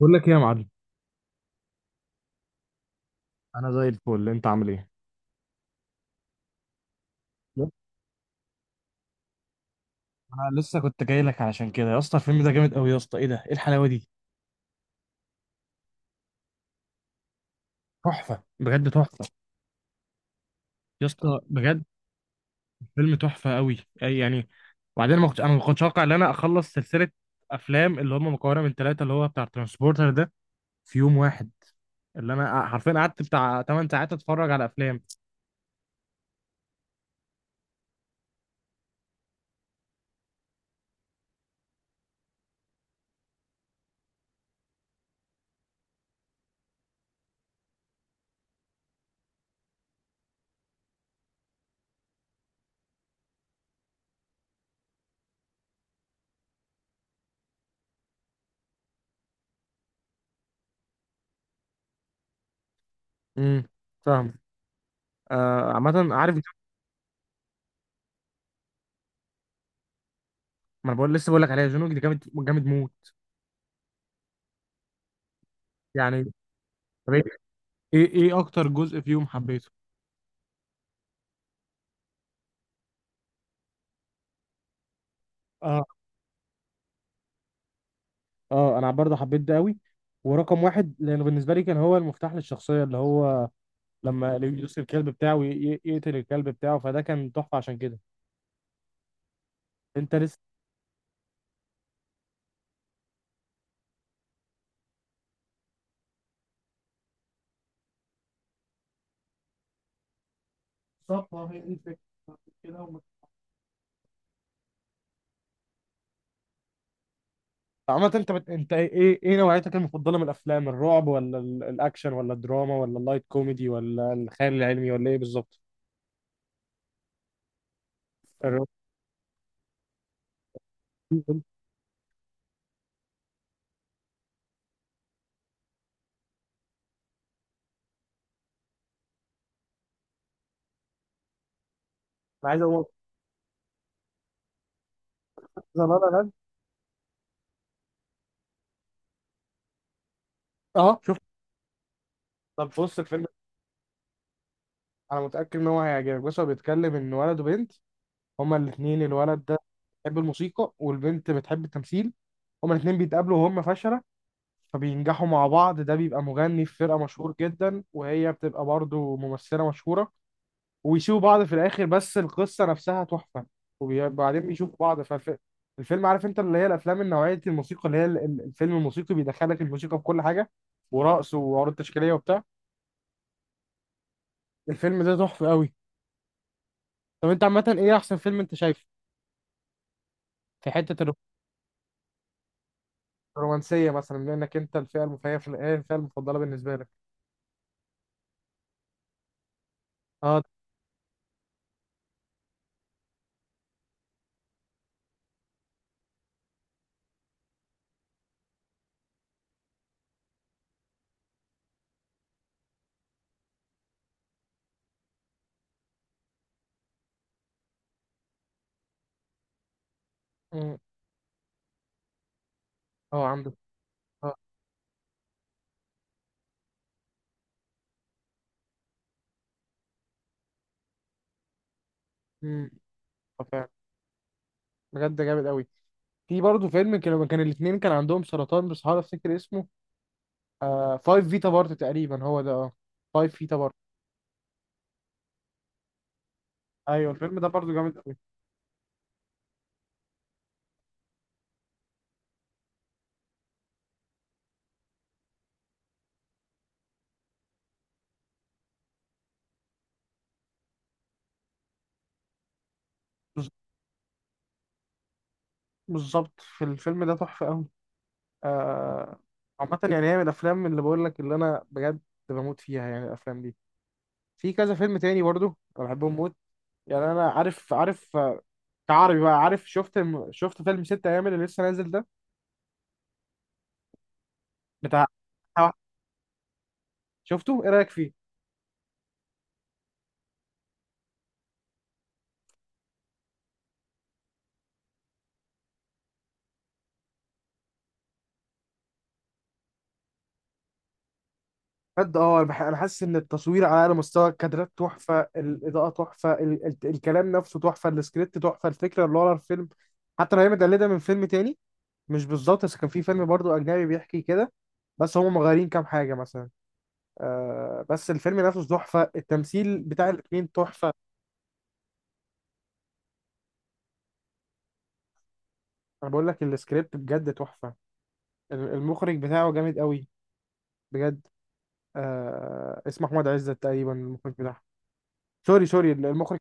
بقول لك ايه يا معلم؟ انا زي الفل، انت عامل ايه؟ انا لسه كنت جاي لك علشان كده يا اسطى. الفيلم ده جامد قوي يا اسطى. ايه ده؟ ايه الحلاوه دي؟ تحفه بجد تحفه يا اسطى، بجد. فيلم تحفه قوي. اي يعني. وبعدين ما كنتش انا ما كنتش اتوقع ان انا اخلص سلسله افلام اللي هم مكونه من ثلاثه، اللي هو بتاع ترانسبورتر ده، في يوم واحد. اللي انا حرفيا قعدت بتاع 8 ساعات اتفرج على افلام. امم فاهم. آه عامه عارف ما. انا بقول، لسه بقول لك عليها، جون ويك ده جامد جامد موت يعني. طب ايه، ايه اكتر جزء فيهم حبيته؟ اه، اه انا برضه حبيت ده قوي. ورقم واحد لانه بالنسبه لي كان هو المفتاح للشخصيه، اللي هو لما يدوس الكلب بتاعه يقتل الكلب بتاعه، فده كان تحفه عشان كده. انت لسه. بالظبط، ما هي دي الفكره. كده هم-. عامة انت انت ايه نوعيتك المفضله من الافلام؟ الرعب ولا الاكشن ولا الدراما ولا اللايت كوميدي ولا الخيال العلمي ولا ايه بالظبط؟ الر-. انا عايز اقول. لا لا لا. اه شفت. طب بص الفيلم، انا متاكد ان هو هيعجبك. بص هو بيتكلم ان ولد وبنت، هما الاثنين، الولد ده بيحب الموسيقى والبنت بتحب التمثيل. هما الاثنين بيتقابلوا وهم فشلة، فبينجحوا مع بعض. ده بيبقى مغني في فرقة مشهور جدا، وهي بتبقى برضه ممثلة مشهورة، ويسيبوا بعض في الآخر، بس القصة نفسها تحفة. وبعدين بيشوفوا بعض فالفيلم. عارف انت اللي هي الأفلام النوعية الموسيقى، اللي هي الفيلم الموسيقي بيدخلك الموسيقى في كل حاجة، ورقص وعروض تشكيلية وبتاع. الفيلم ده تحفة قوي. طب انت عامة ايه أحسن فيلم انت شايفه في حتة رومانسيه مثلا، بما انك انت الفئه المفيده في الايه، الفئه المفضله بالنسبه لك؟ اه. مم. اه عندك. اه. مم. آه، فعلا. بجد جامد قوي. في برضه فيلم كان لما كان الاثنين كان عندهم سرطان، بس هحاول افتكر اسمه. آه فايف فيتا بارت تقريبا هو ده، اه فايف فيتا بارت. ايوه الفيلم ده برضه جامد قوي. بز-. بالظبط، في الفيلم ده تحفه قوي. آه. عامه يعني هي من الافلام اللي بقول لك، اللي انا بجد بموت فيها يعني، الافلام دي. في كذا فيلم تاني برضه انا بحبهم موت يعني. انا عارف عارف كعربي بقى، عارف شفت، شفت فيلم ست ايام اللي لسه نازل ده، بتاع. شفته ايه رايك فيه؟ بجد اه، انا أنا حاسس ان التصوير على اعلى مستوى، الكادرات تحفه، الاضاءه تحفه، ال... ال... الكلام نفسه تحفه، السكريبت تحفه، الفكره اللي ورا الفيلم، حتى لو هي متقلده من فيلم تاني، مش بالظبط بس كان في فيلم برضو اجنبي بيحكي كده، بس هم مغيرين كام حاجه مثلا. آه بس الفيلم نفسه تحفه، التمثيل بتاع الاتنين تحفه. انا بقول لك السكريبت بجد تحفه. المخرج بتاعه جامد قوي بجد. آه اسمه احمد عزت تقريبا، المخرج بتاعها. سوري سوري، المخرج.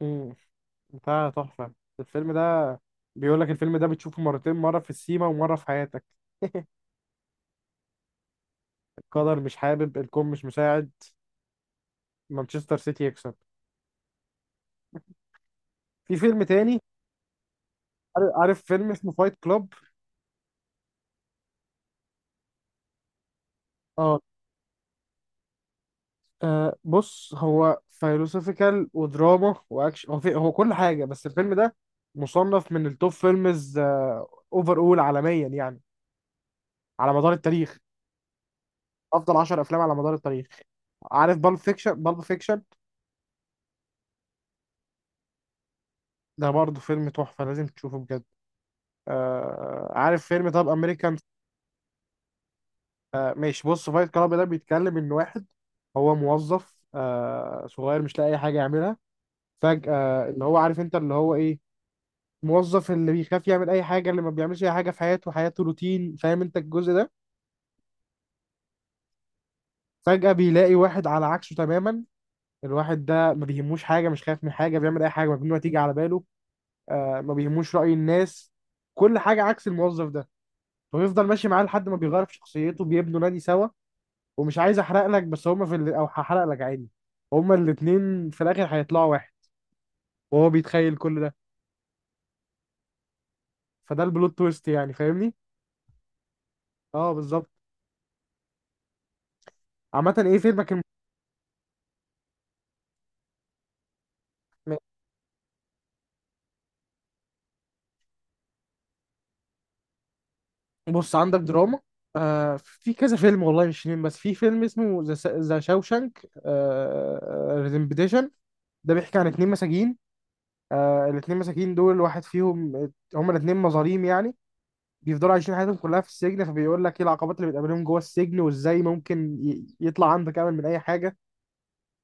مم. بتاع تحفه الفيلم ده. بيقول لك الفيلم ده بتشوفه مرتين، مره في السيما ومره في حياتك. قدر مش حابب، الكون مش مساعد، مانشستر سيتي يكسب. في فيلم تاني، عارف فيلم اسمه فايت كلوب؟ اه. آه، بص هو فيلوسوفيكال ودراما واكشن، هو في... هو كل حاجه. بس الفيلم ده مصنف من التوب فيلمز اوفر اول عالميا يعني، على مدار التاريخ، افضل 10 افلام على مدار التاريخ. عارف بالب فيكشن؟ بالب فيكشن ده برضه فيلم تحفه، لازم تشوفه بجد. آه عارف فيلم طب امريكان؟ آه ماشي، بص فايت كلاب ده بيتكلم ان واحد هو موظف آه صغير مش لاقي اي حاجه يعملها. فجاه اللي هو عارف انت اللي هو ايه، موظف اللي بيخاف يعمل اي حاجه، اللي ما بيعملش اي حاجه في حياته، حياته روتين، فاهم انت الجزء ده. فجاه بيلاقي واحد على عكسه تماما، الواحد ده ما بيهموش حاجه، مش خايف من حاجه، بيعمل اي حاجه مجنونه تيجي على باله، آه ما بيهموش رأي الناس، كل حاجة عكس الموظف ده. ويفضل ماشي معاه لحد ما بيغير في شخصيته، بيبنوا نادي سوا. ومش عايز احرق لك بس هما في ال...، او هحرق لك عادي، هما الاتنين في الاخر هيطلعوا واحد وهو بيتخيل كل ده، فده البلوت تويست يعني، فاهمني. اه بالظبط. عامة ايه فيلمك الم...؟ بص عندك دراما آه، في كذا فيلم، والله مش فيلم بس، في فيلم اسمه ذا شاوشانك ريدمبشن، ده بيحكي عن اتنين مساجين. آه الاتنين مساجين دول واحد فيهم، هما الاتنين مظاليم يعني، بيفضلوا عايشين حياتهم كلها في السجن. فبيقول لك ايه العقبات اللي بتقابلهم جوه السجن، وازاي ممكن يطلع عندك امل من اي حاجه.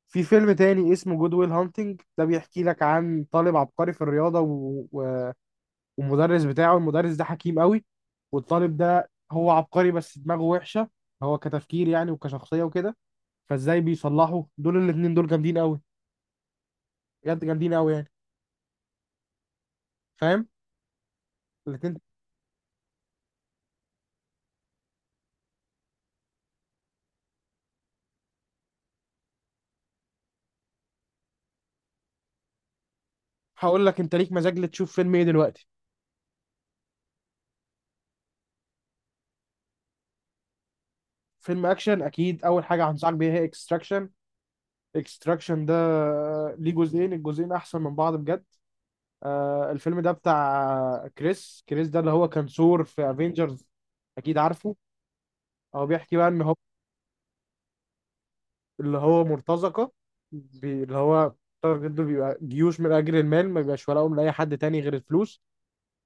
في فيلم تاني اسمه جود ويل هانتنج، ده بيحكي لك عن طالب عبقري في الرياضه والمدرس بتاعه، المدرس ده حكيم قوي، والطالب ده هو عبقري بس دماغه وحشه، هو كتفكير يعني وكشخصيه وكده. فازاي بيصلحوا، دول الاتنين دول جامدين قوي، بجد جامدين قوي يعني، فاهم، الاتنين. هقول لك، انت ليك مزاج لتشوف فيلم ايه دلوقتي؟ فيلم اكشن؟ اكيد اول حاجه هنصحك بيها هي اكستراكشن. اكستراكشن ده آه، ليه جزئين، الجزئين احسن من بعض بجد. آه، الفيلم ده بتاع كريس ده، اللي هو كان ثور في افنجرز، اكيد عارفه. هو بيحكي بقى ان هو اللي هو مرتزقه، اللي هو تارجت دول بيبقى جيوش من اجل المال، ما بيبقاش ولاهم لاي حد تاني غير الفلوس.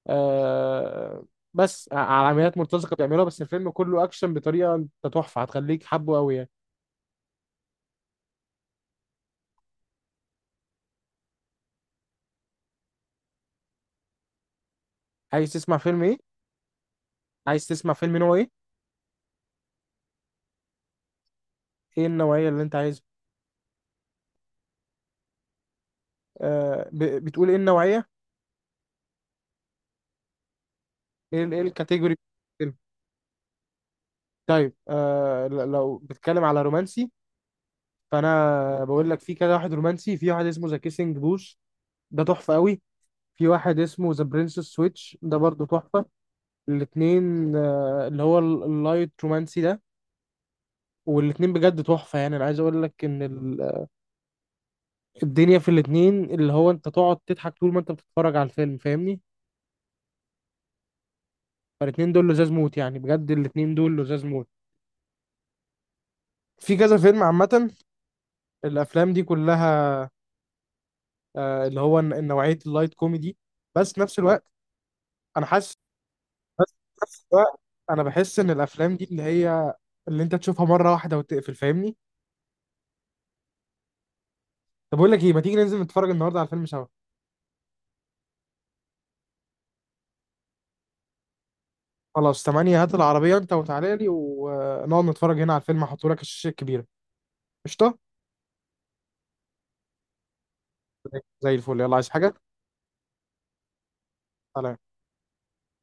آه بس على عمليات مرتزقه بيعملوها، بس الفيلم كله اكشن بطريقه انت تحفه، هتخليك حبه قوي يعني. عايز تسمع فيلم ايه؟ عايز تسمع فيلم نوع ايه؟ ايه النوعيه اللي انت عايزها؟ آه، بتقول ايه النوعيه؟ ايه ايه الكاتيجوري بتاعت الفيلم؟ طيب آه، لو بتتكلم على رومانسي، فانا بقول لك في كده واحد رومانسي. في واحد اسمه ذا كيسنج بوث، ده تحفه قوي. في واحد اسمه ذا برنسس سويتش، ده برضو تحفه. الاثنين آه اللي هو اللايت رومانسي ده، والاثنين بجد تحفه. يعني انا عايز اقول لك ان الدنيا في الاثنين اللي هو انت تقعد تضحك طول ما انت بتتفرج على الفيلم، فاهمني. فالاثنين دول لزاز موت يعني، بجد الاثنين دول لزاز موت. في كذا فيلم عامه، الافلام دي كلها آه، اللي هو نوعية اللايت كوميدي. بس في نفس الوقت أنا حاسس، بس في نفس الوقت أنا بحس إن الأفلام دي اللي هي اللي أنت تشوفها مرة واحدة وتقفل، فاهمني. طب أقول لك إيه، ما تيجي ننزل نتفرج النهاردة على الفيلم سوا؟ خلاص تمانية، هات العربية أنت وتعالى لي، ونقعد نتفرج هنا على الفيلم، هحطه لك الشاشة الكبيرة. قشطة. زي الفل، يلا عايز حاجة؟ سلام.